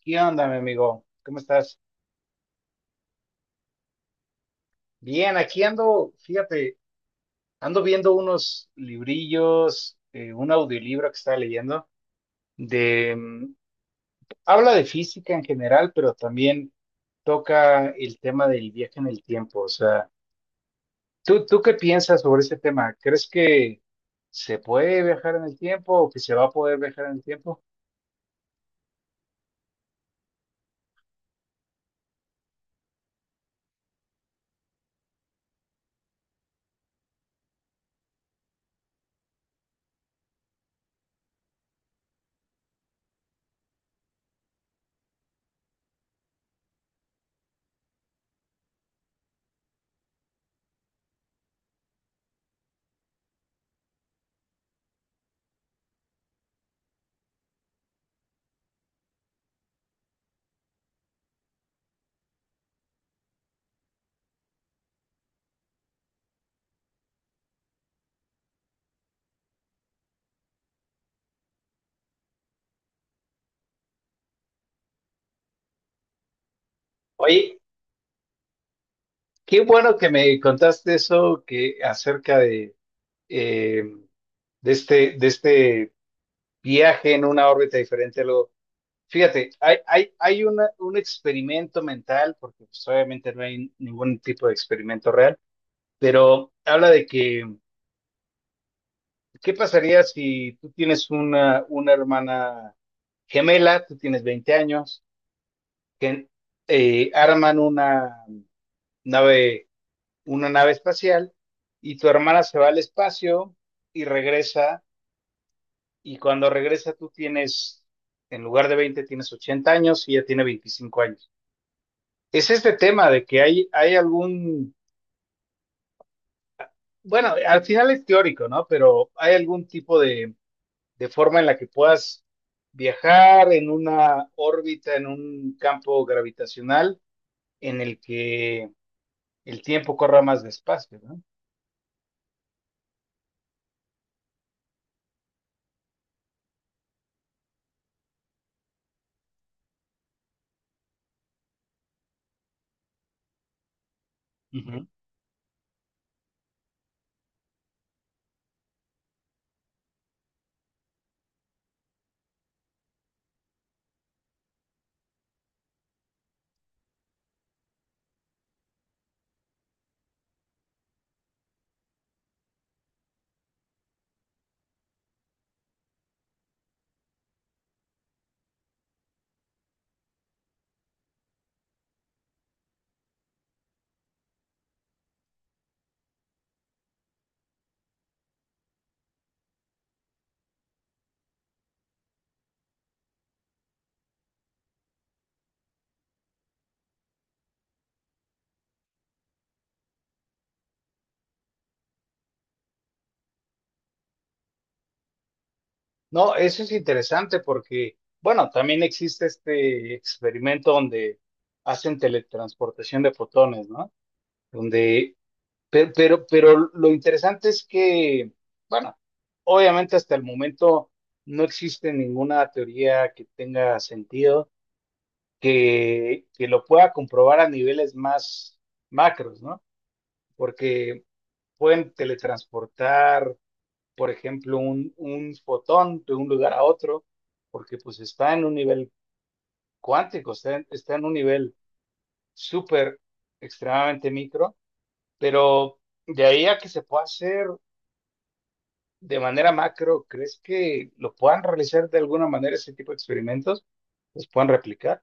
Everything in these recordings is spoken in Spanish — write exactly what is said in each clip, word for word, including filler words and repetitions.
¿Qué onda, mi amigo? ¿Cómo estás? Bien, aquí ando, fíjate, ando viendo unos librillos, eh, un audiolibro que estaba leyendo, de, mm, habla de física en general, pero también toca el tema del viaje en el tiempo. O sea, ¿tú, tú qué piensas sobre ese tema? ¿Crees que se puede viajar en el tiempo o que se va a poder viajar en el tiempo? Oye, qué bueno que me contaste eso que acerca de, eh, de este, de este viaje en una órbita diferente a lo... Fíjate, hay, hay, hay una, un experimento mental, porque pues, obviamente no hay ningún tipo de experimento real, pero habla de que, ¿qué pasaría si tú tienes una, una hermana gemela, tú tienes veinte años, que eh, arman una nave, una nave espacial y tu hermana se va al espacio y regresa, y cuando regresa tú tienes, en lugar de veinte tienes ochenta años y ella tiene veinticinco años. Es este tema de que hay, hay algún, bueno, al final es teórico, ¿no? Pero hay algún tipo de, de forma en la que puedas viajar en una órbita, en un campo gravitacional en el que el tiempo corra más despacio, ¿no? Ujú. No, eso es interesante porque, bueno, también existe este experimento donde hacen teletransportación de fotones, ¿no? Donde... Pero, pero, pero lo interesante es que, bueno, obviamente hasta el momento no existe ninguna teoría que tenga sentido que, que lo pueda comprobar a niveles más macros, ¿no? Porque pueden teletransportar, por ejemplo, un, un fotón de un lugar a otro, porque pues está en un nivel cuántico, está en, está en un nivel súper extremadamente micro, pero de ahí a que se pueda hacer de manera macro, ¿crees que lo puedan realizar de alguna manera ese tipo de experimentos? ¿Los puedan replicar?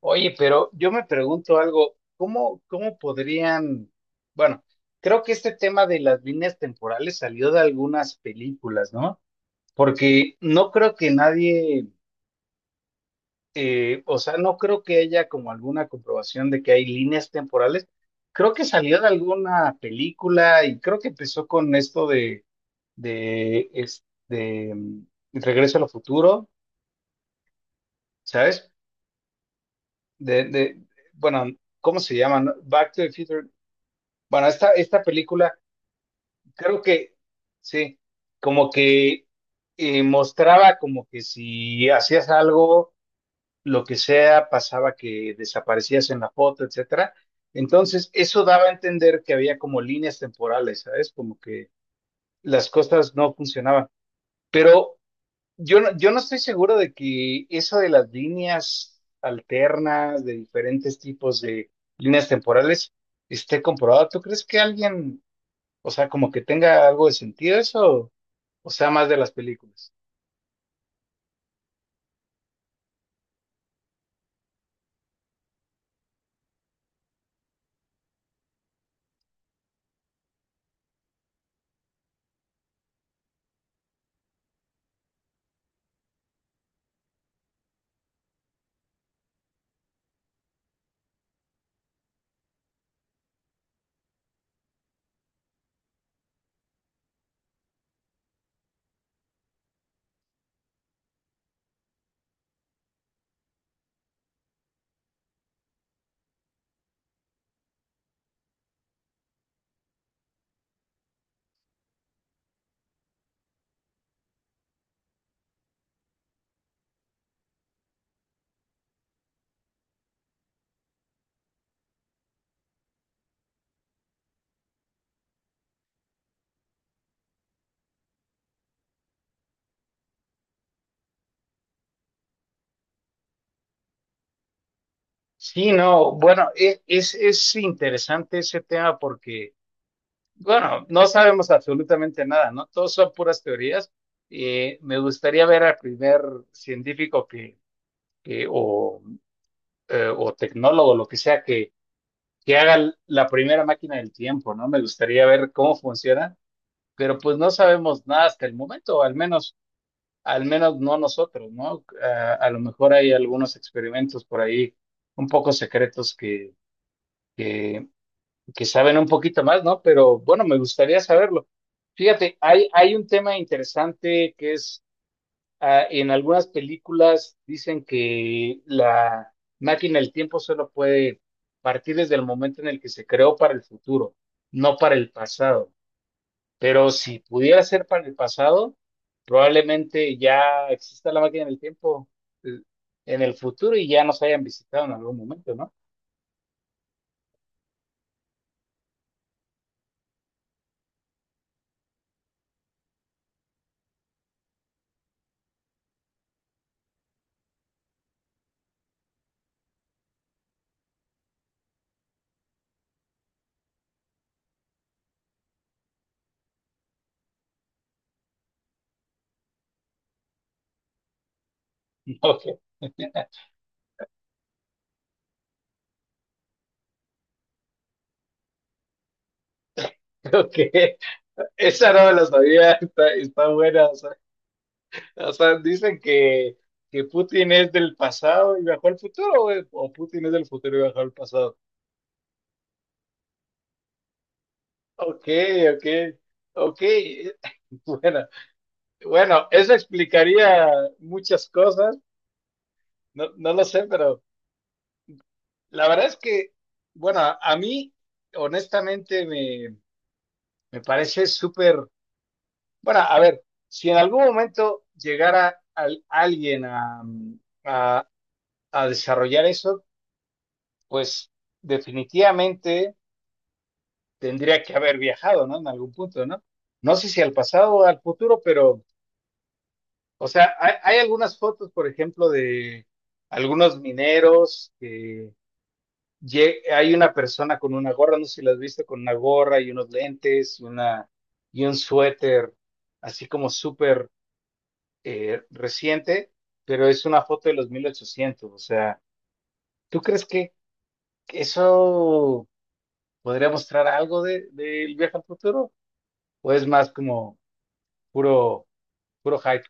Oye, pero yo me pregunto algo, ¿cómo, cómo podrían, bueno, creo que este tema de las líneas temporales salió de algunas películas, ¿no? Porque no creo que nadie, eh, o sea, no creo que haya como alguna comprobación de que hay líneas temporales. Creo que salió de alguna película y creo que empezó con esto de de, es- de, mm, Regreso al Futuro, ¿sabes? De, de, bueno, ¿cómo se llama? ¿No? Back to the Future. Bueno, esta, esta película, creo que, sí, como que eh, mostraba como que si hacías algo, lo que sea, pasaba que desaparecías en la foto, etcétera. Entonces, eso daba a entender que había como líneas temporales, ¿sabes? Como que las cosas no funcionaban. Pero Yo no, yo no estoy seguro de que eso de las líneas alternas, de diferentes tipos de líneas temporales, esté comprobado. ¿Tú crees que alguien, o sea, como que tenga algo de sentido eso, o sea, más de las películas? Sí, no, bueno, e- es, es interesante ese tema porque, bueno, no sabemos absolutamente nada, ¿no? Todos son puras teorías. Eh, me gustaría ver al primer científico que, que o, eh, o tecnólogo, lo que sea, que que haga la primera máquina del tiempo, ¿no? Me gustaría ver cómo funciona, pero pues no sabemos nada hasta el momento, al menos, al menos no nosotros, ¿no? A, a lo mejor hay algunos experimentos por ahí un poco secretos que, que, que saben un poquito más, ¿no? Pero bueno, me gustaría saberlo. Fíjate, hay, hay un tema interesante que es ah, en algunas películas dicen que la máquina del tiempo solo puede partir desde el momento en el que se creó para el futuro, no para el pasado. Pero si pudiera ser para el pasado, probablemente ya exista la máquina del tiempo eh, en el futuro y ya nos hayan visitado en algún momento, ¿no? Ok, ok. Esa no me la sabía, está, está buena. o sea, O sea, dicen que, que Putin es del pasado y viajó al futuro, güey, o Putin es del futuro y viajó al pasado. Ok, ok, ok. Bueno, bueno, eso explicaría muchas cosas, no, no lo sé, pero la verdad es que, bueno, a a mí, honestamente, me, me parece súper, bueno, a ver, si en algún momento llegara al- alguien a, a a desarrollar eso, pues definitivamente tendría que haber viajado, ¿no? En algún punto, ¿no? No sé si al pasado o al futuro, pero, o sea, hay, hay algunas fotos, por ejemplo, de algunos mineros que lle- hay una persona con una gorra, no sé si la has visto, con una gorra y unos lentes y, una, y un suéter, así como súper eh, reciente, pero es una foto de los mil ochocientos. O sea, ¿tú crees que eso podría mostrar algo de, del viaje al futuro? ¿O es más como puro... Puro hype?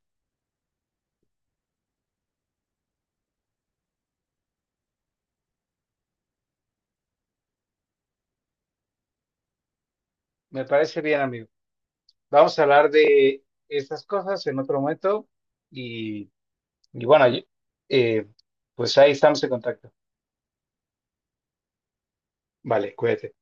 Me parece bien, amigo. Vamos a hablar de estas cosas en otro momento y, y bueno, y- eh, pues ahí estamos en contacto. Vale, cuídate.